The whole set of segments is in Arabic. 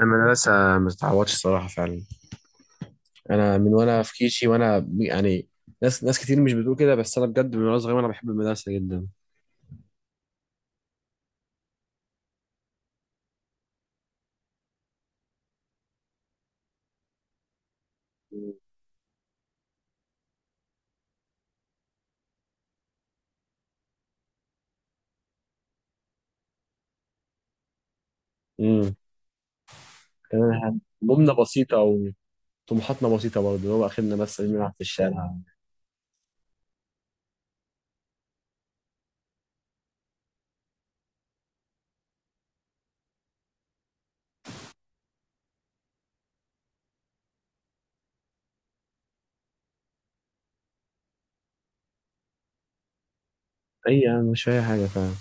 المدرسة ما تتعوضش الصراحة فعلا. أنا من وأنا في كيشي وأنا يعني ناس كتير مش بتقول كده، بس أنا بجد من وأنا صغير وأنا بحب المدرسة جدا. امم كمان همومنا بسيطة وطموحاتنا بسيطة برضه، اللي هو آخرنا بس نلعب في الشارع. أي يعني مش أي حاجة فعلا.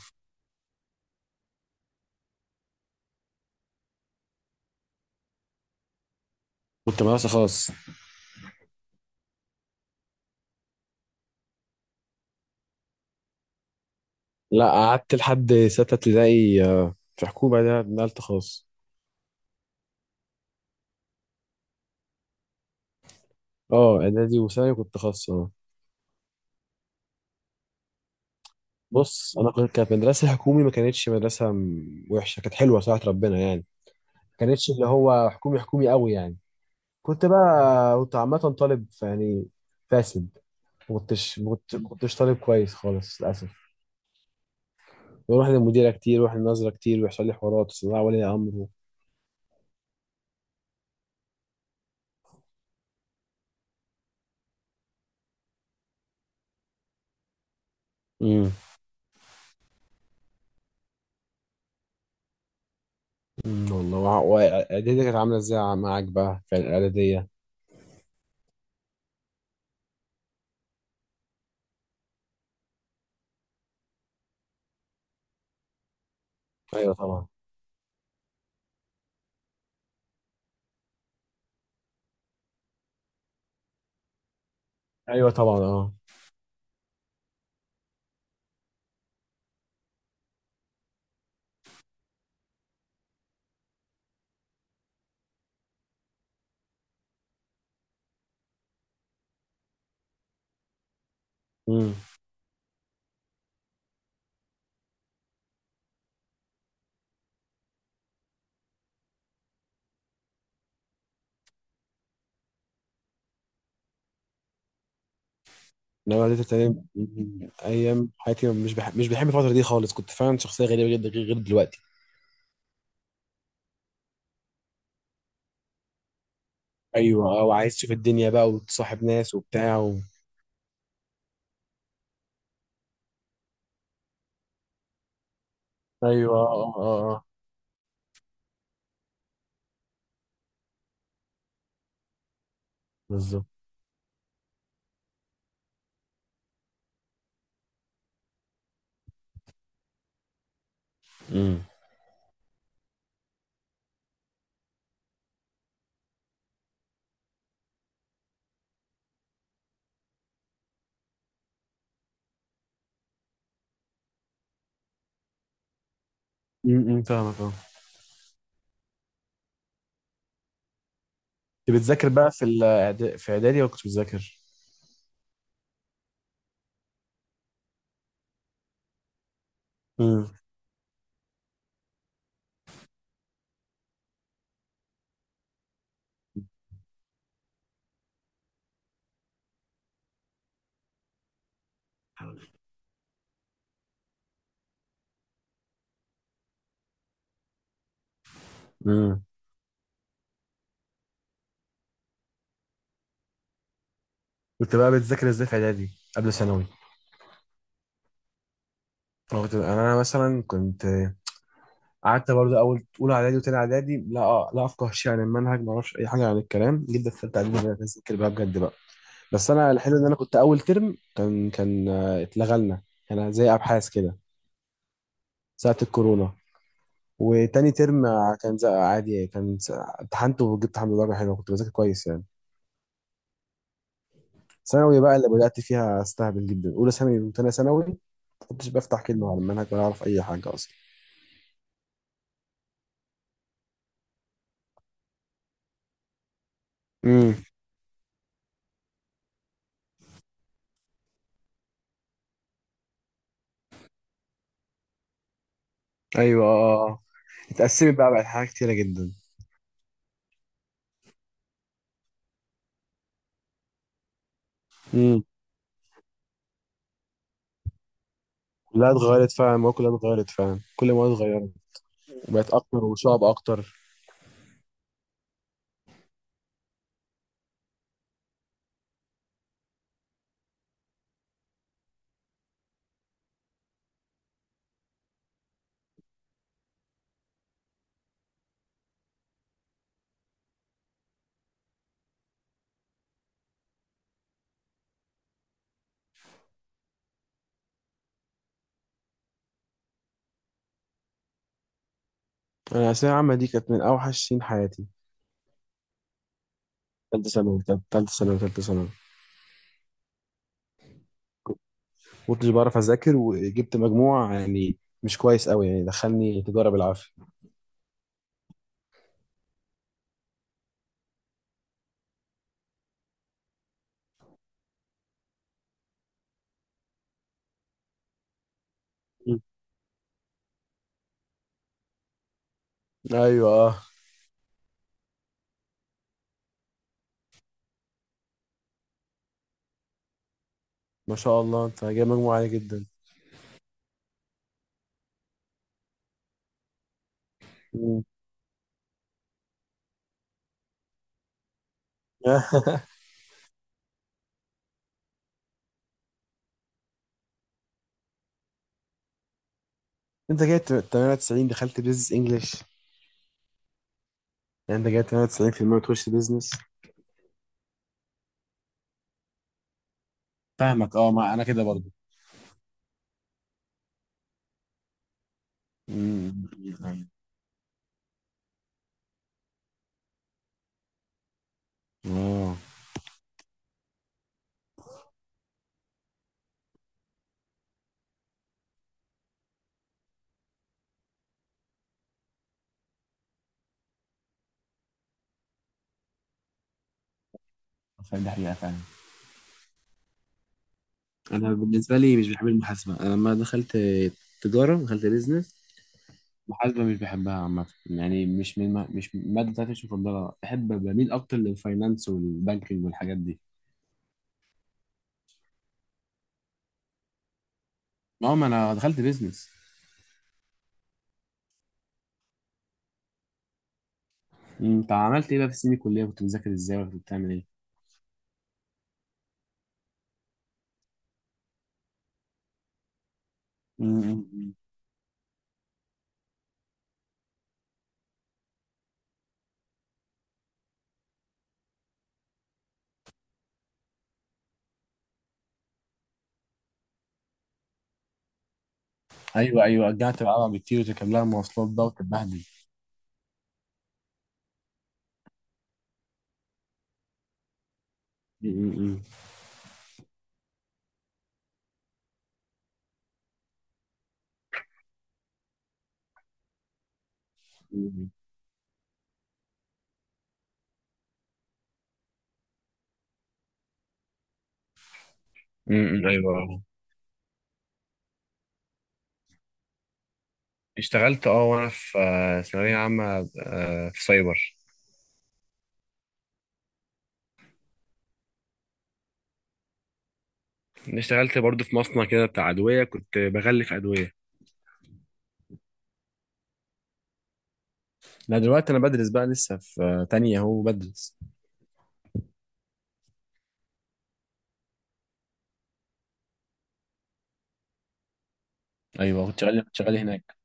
كنت مدرسة خاص. لا، قعدت لحد ستة ابتدائي في حكومة، ده نقلت خاص. أه إعدادي وثانوي كنت خاص أه. بص أنا كانت مدرسة حكومي، ما كانتش مدرسة وحشة، كانت حلوة صراحة، ربنا يعني. كانتش اللي هو حكومي حكومي قوي يعني. كنت بقى كنت عامة طالب يعني فاسد. ما كنتش طالب كويس خالص للأسف. بروح للمديرة كتير واروح للنظرة كتير ويحصل لي حوارات وصداع ولي أمر. امم والله. وإعدادية كانت عاملة إزاي معاك بقى في الإعدادية؟ أيوه طبعا. أيوه طبعا أه. امم إنما إعدادية كانت أيام أيام حياتي، مش بحب الفترة دي خالص، كنت فعلا شخصية غريبة جدا غير دلوقتي. أيوه أه، وعايز تشوف الدنيا بقى وتصاحب ناس وبتاع. ايوه اه اه اه آه. بالظبط. امم فاهمك اه. كنت بتذاكر بقى في في اعدادي ولا كنتش بتذاكر؟ امم امم كنت بقى بتذاكر ازاي في اعدادي قبل ثانوي؟ أنا كنت انا مثلا كنت قعدت برضه اول اولى اعدادي وتاني اعدادي لا لا افقه شيء عن المنهج، ما اعرفش اي حاجه عن الكلام جدا. في ثالثه اعدادي بدات اذاكر بقى بجد بقى. بس انا الحلو ان انا كنت اول ترم كان اتلغى لنا، كان زي ابحاث كده ساعه الكورونا. وتاني ترم كان زق عادي، امتحنت وجبت الحمد لله درجة حلوة، كنت بذاكر كويس يعني. ثانوي بقى اللي بدأت فيها استهبل جدا، أولى ثانوي وتانية ثانوي ما كنتش بفتح كلمة على المنهج ولا أعرف أي حاجة أصلا. امم أيوه آه آه. اتقسمت بقى بقت حاجات كتيرة جدا. امم كلها اتغيرت فعلا، المواد كلها اتغيرت فعلا، كل المواد اتغيرت. بقت أكتر وصعب أكتر. أنا الثانوية العامة دي كانت من أوحش سنين حياتي. تالتة ثانوي. ما كنتش بعرف أذاكر، وجبت مجموع يعني مش كويس قوي يعني، دخلني تجارة بالعافية. مم. ايوه اه. ما شاء الله، انت جايب مجموع عالي جدا. مم. انت جايب 98 دخلت بيزنس انجلش؟ يعني انت جايب 98% وتخش بيزنس؟ فاهمك اه، ما انا كده برضه. امم اه، فاهم، دي حقيقة فعلا. انا بالنسبة لي مش بحب المحاسبة. انا لما دخلت تجارة دخلت بيزنس، المحاسبة مش بحبها عامة يعني، مش من ما... مش المادة بتاعتي، مش مفضلة، بحب بميل اكتر للفاينانس والبانكينج والحاجات دي. ما هو ما انا دخلت بيزنس. طب عملت ايه بقى في السنين الكليه، كنت بتذاكر ازاي ولا كنت بتعمل ايه؟ امم ايوه ايوه، رجعت بقى بكتير وتركب لها مواصلات بقى وتتبهدل. امم ايوه. اشتغلت اه وانا في ثانويه عامه في سايبر. اشتغلت برضو في مصنع كده بتاع ادويه، كنت بغلف ادويه. لا دلوقتي انا بدرس بقى لسه في تانية اهو بدرس. ايوه كنت شغال هناك.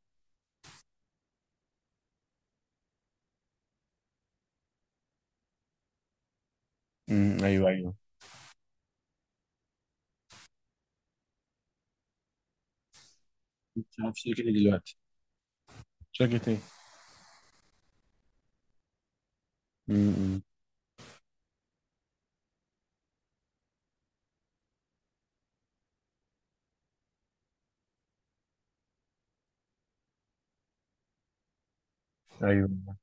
ايوه ايوه. كنت شغال في شركه ايه دلوقتي؟ شركه ايه؟ امم ايوه.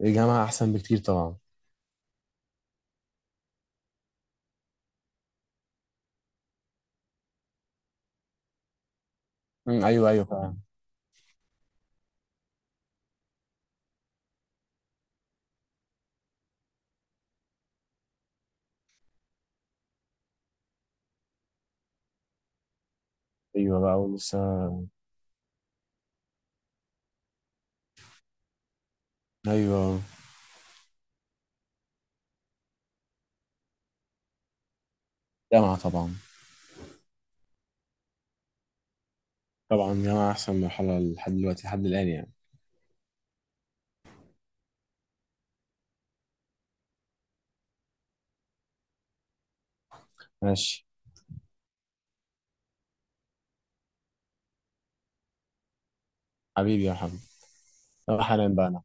الجامعه احسن بكتير طبعا. ايوه ايوه فعلا. ايوه بقى ولسه. ايوه جامعة طبعا. طبعا جامعة احسن مرحلة لحد دلوقتي لحد الان يعني. ماشي. حبيبي يا محمد. طب حالا بقى أنا.